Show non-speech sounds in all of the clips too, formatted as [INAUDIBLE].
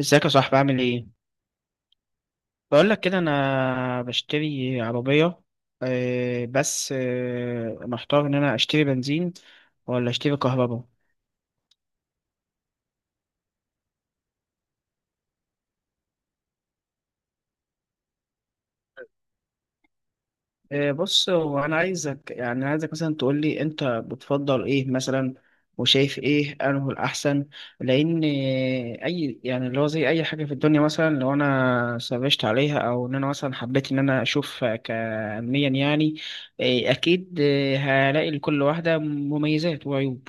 ازيك يا صاحبي، عامل ايه؟ بقول لك كده، انا بشتري عربيه. بس محتار ان انا اشتري بنزين ولا اشتري كهرباء؟ بص، هو انا عايزك مثلا تقول لي انت بتفضل ايه مثلا، وشايف ايه انه الاحسن؟ لان اي يعني اللي هو زي اي حاجه في الدنيا، مثلا لو انا سرشت عليها او ان انا مثلا حبيت ان انا اشوف كعلميا يعني. اكيد. هلاقي لكل واحده مميزات وعيوب.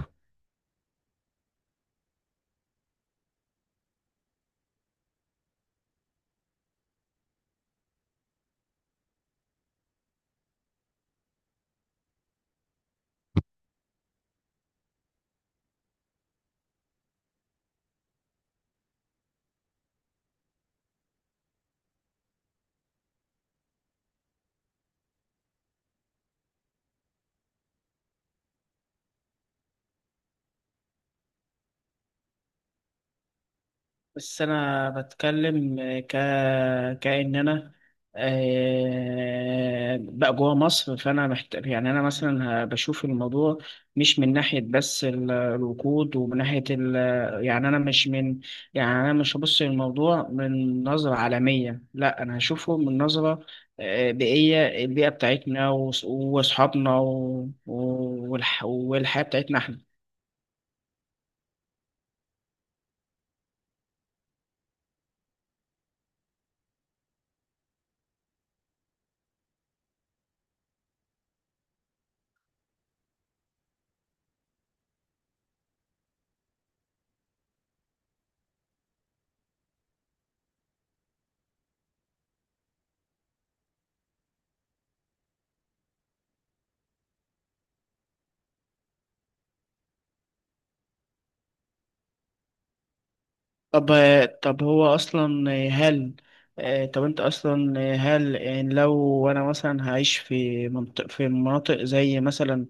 بس انا بتكلم ك كأن انا بقى جوه مصر، فانا محتاج يعني انا مثلا بشوف الموضوع، مش من ناحيه بس الوقود ومن ناحيه يعني انا مش من. يعني انا مش هبص للموضوع من نظره عالميه، لا انا هشوفه من نظره بيئيه، البيئه بتاعتنا واصحابنا والحياه بتاعتنا احنا. طب طب هو اصلا هل طب انت اصلا هل يعني لو انا مثلا هعيش في مناطق زي مثلا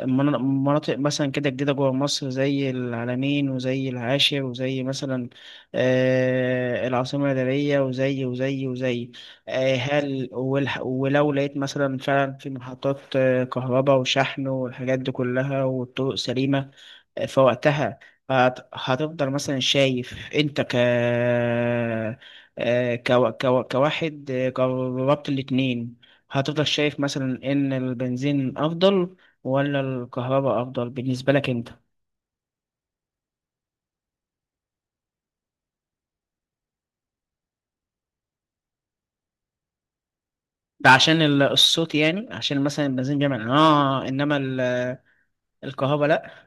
مناطق مثلا كده جديده جوه مصر، زي العلمين وزي العاشر وزي مثلا العاصمه الاداريه وزي هل ولو لقيت مثلا فعلا في محطات كهرباء وشحن والحاجات دي كلها والطرق سليمه، فوقتها هتفضل مثلا شايف انت كواحد جربت الاتنين، هتفضل شايف مثلا ان البنزين افضل ولا الكهرباء افضل بالنسبة لك انت؟ ده عشان الصوت، يعني عشان مثلا البنزين بيعمل اه، انما الكهرباء لا.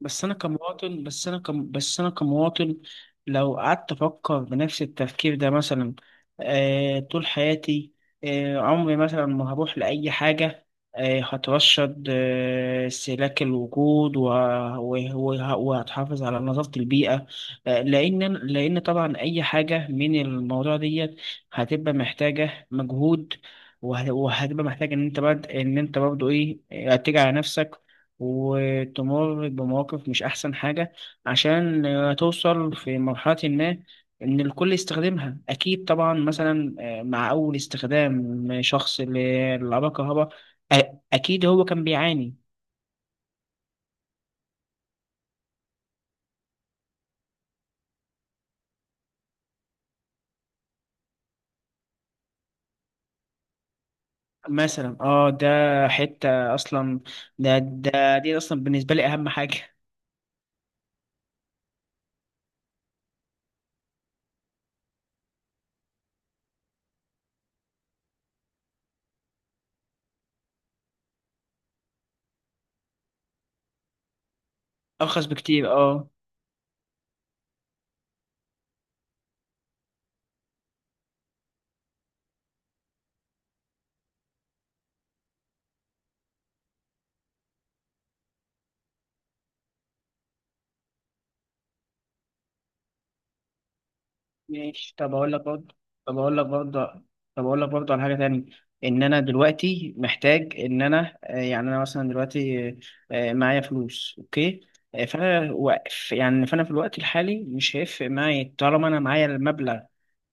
بس انا كمواطن لو قعدت افكر بنفس التفكير ده مثلا طول حياتي، عمري مثلا ما هروح لاي حاجه. هترشد استهلاك الوجود وهتحافظ على نظافه البيئه. لان طبعا اي حاجه من الموضوع ديت هتبقى محتاجه مجهود، وهتبقى محتاج ان انت بعد ان انت برضه ايه تيجي على نفسك وتمر بمواقف مش أحسن حاجة، عشان توصل في مرحلة ما إن الكل يستخدمها. أكيد طبعا مثلا مع أول استخدام شخص للعربية الكهرباء أ- أكيد هو كان بيعاني. مثلا اه ده حتة أصلا، ده ده دي أصلا بالنسبة لي أهم حاجة. [LAUGHS] أرخص بكتير اه. ماشي. طب اقول لك برضه طب اقول لك برضه على حاجه تانية، ان انا دلوقتي محتاج ان انا يعني انا مثلا دلوقتي، معايا فلوس. اوكي. فانا واقف، يعني فانا في الوقت الحالي مش هيفرق معايا طالما انا معايا المبلغ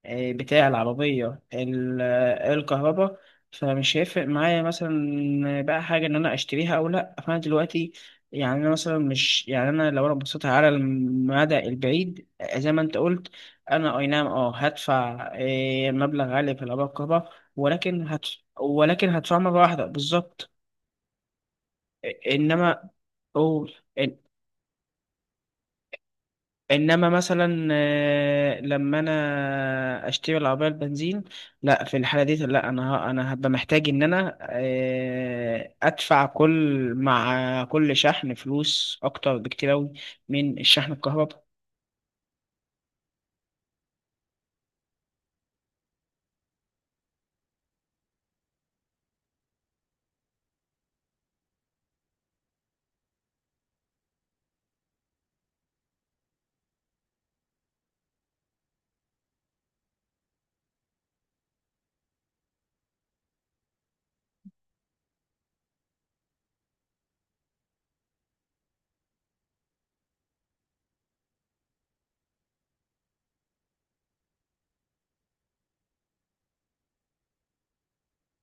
بتاع العربية الكهرباء. فمش هيفرق معايا مثلا بقى حاجة إن أنا أشتريها أو لأ، فأنا دلوقتي يعني أنا مثلا مش، يعني أنا لو أنا بصيت على المدى البعيد زي ما أنت قلت، أنا أي نعم هدفع مبلغ عالي في العربية الكهرباء، ولكن هدفع مرة واحدة بالظبط. إنما أوه. انما مثلا لما انا اشتري العربيه البنزين، لا في الحاله دي، لا انا انا هبقى محتاج ان انا ادفع مع كل شحن فلوس اكتر بكتير اوي من الشحن الكهرباء.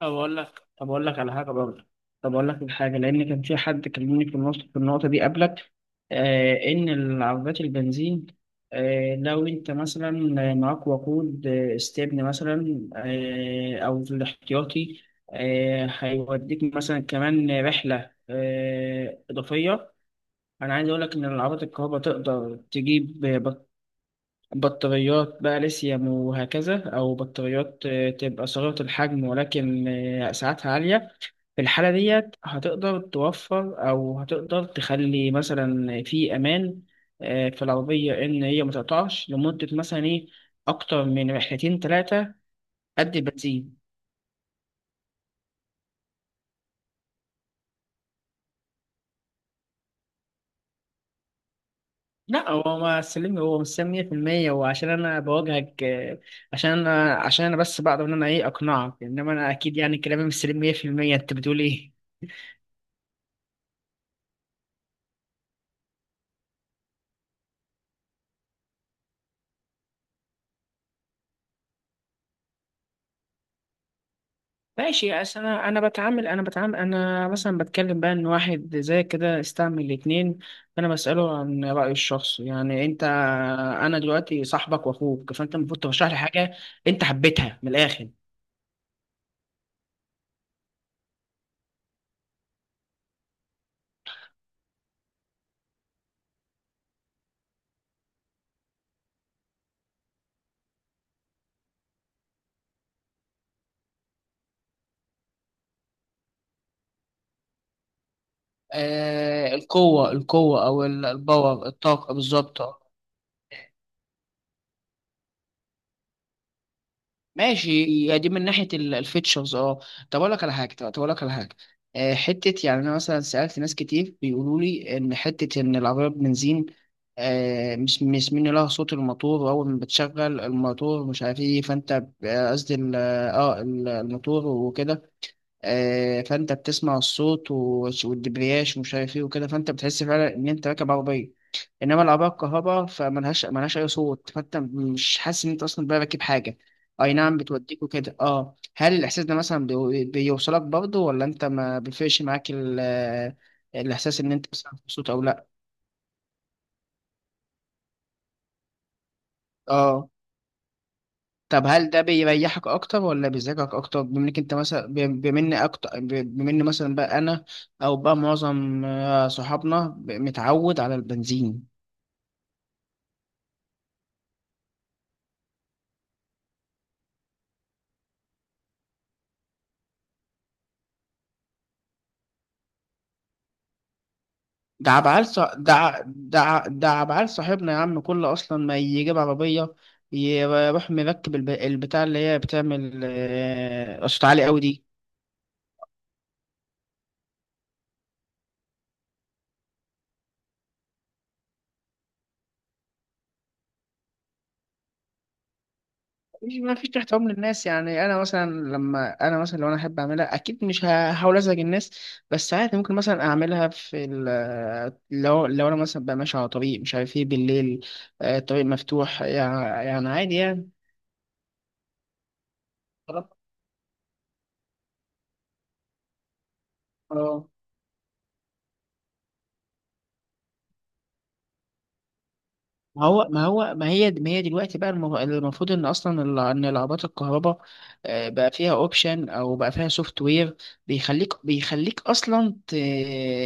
طب أقول لك على حاجة برضه. طب أقول لك على حاجة، لأن كان في حد كلمني في النقطة دي قبلك، إن العربيات البنزين، لو أنت مثلا معاك وقود استبن مثلا، أو في الاحتياطي، هيوديك مثلا كمان رحلة إضافية. أنا عايز أقول لك إن العربيات الكهرباء تقدر تجيب بطاريات بقى ليثيوم وهكذا، أو بطاريات تبقى صغيرة الحجم، ولكن سعتها عالية. في الحالة ديت هتقدر توفر، أو هتقدر تخلي مثلا في أمان في العربية، إن هي متقطعش لمدة مثلا إيه أكتر من رحلتين تلاتة قد البنزين. لا، هو ما سلمي، هو مش سلم 100%، هو عشان انا بواجهك، عشان انا بس بقدر ان انا ايه اقنعك. انما انا اكيد يعني كلامي مش سليم 100%، انت بتقول ايه؟ ماشي. أصل انا بتعامل انا مثلا بتكلم بقى ان واحد زي كده استعمل الاتنين، فانا بساله عن رايه الشخصي، يعني انت، انا دلوقتي صاحبك واخوك فانت المفروض ترشح لي حاجه انت حبيتها من الاخر. القوه او الباور، الطاقه بالظبط. ماشي. هي دي من ناحيه الفيتشرز اه. طب اقول لك على حاجه، حته يعني انا مثلا سالت ناس كتير بيقولوا لي ان حته ان العربيه بنزين مش من لها صوت الموتور، واول ما بتشغل الموتور مش عارف ايه، فانت قصدي اه الموتور وكده، فانت بتسمع الصوت والدبرياج ومش عارف ايه وكده، فانت بتحس فعلا ان انت راكب عربيه. انما العربيه الكهرباء فملهاش اي صوت، فانت مش حاسس ان انت اصلا بقى راكب حاجه. اي نعم بتوديك وكده اه، هل الاحساس ده مثلا بيوصلك برضه، ولا انت ما بيفرقش معاك الاحساس ان انت بتسمع صوت او لا؟ اه طب، هل ده بيريحك اكتر ولا بيزعجك اكتر، بما انك انت مثلا بما إن مثلا بقى انا او بقى معظم صحابنا متعود على البنزين. ده عبعال ص... ده ع- ده ع- ده عبعال صاحبنا يا عم، كله اصلا ما يجيب عربيه يروح مركب البتاع اللي هي بتعمل صوت عالي قوي دي. مش ما فيش احترام للناس. يعني انا مثلا لو انا احب اعملها اكيد مش هحاول ازعج الناس، بس عادي ممكن مثلا اعملها في لو انا مثلا بقى ماشي على طريق مش عارف ايه بالليل، طريق مفتوح يعني، عادي يعني. طالما- ما هو ما هي دلوقتي بقى المفروض ان اصلا ان لعبات الكهرباء بقى فيها اوبشن او بقى فيها سوفت وير بيخليك اصلا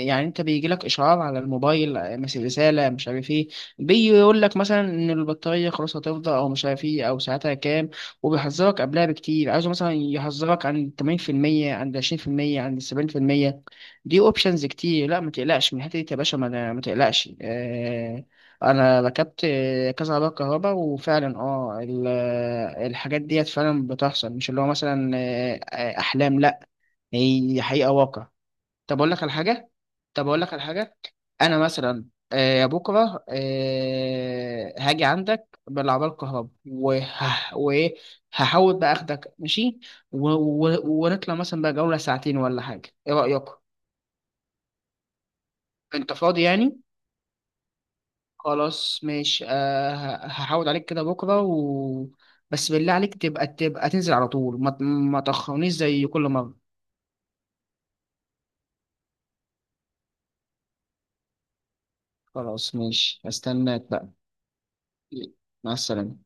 يعني انت بيجي لك اشعار على الموبايل، مثل رساله مش عارف ايه، بيقول لك مثلا ان البطاريه خلاص هتفضى، او مش عارف ايه، او ساعتها كام. وبيحذرك قبلها بكتير، عايزه مثلا يحذرك عن 80%، عند 20%، عند 70%. دي اوبشنز كتير. لا ما تقلقش من الحته دي يا باشا، ما تقلقش. انا ركبت كذا عربيه كهرباء، وفعلا اه الحاجات ديت فعلا بتحصل، مش اللي هو مثلا احلام، لا هي حقيقه واقع. طب اقول لك على حاجه طب اقول لك على حاجه، انا مثلا بكره هاجي عندك بالعربيه الكهرباء وايه، هحاول بقى اخدك ماشي و- ونطلع مثلا بقى جوله ساعتين ولا حاجه. ايه رايك؟ انت فاضي يعني؟ خلاص ماشي. هحاول عليك كده بكرة بس بالله عليك، تبقى تنزل على طول، ما تأخرنيش زي كل مرة. خلاص ماشي. هستناك بقى. مع السلامة.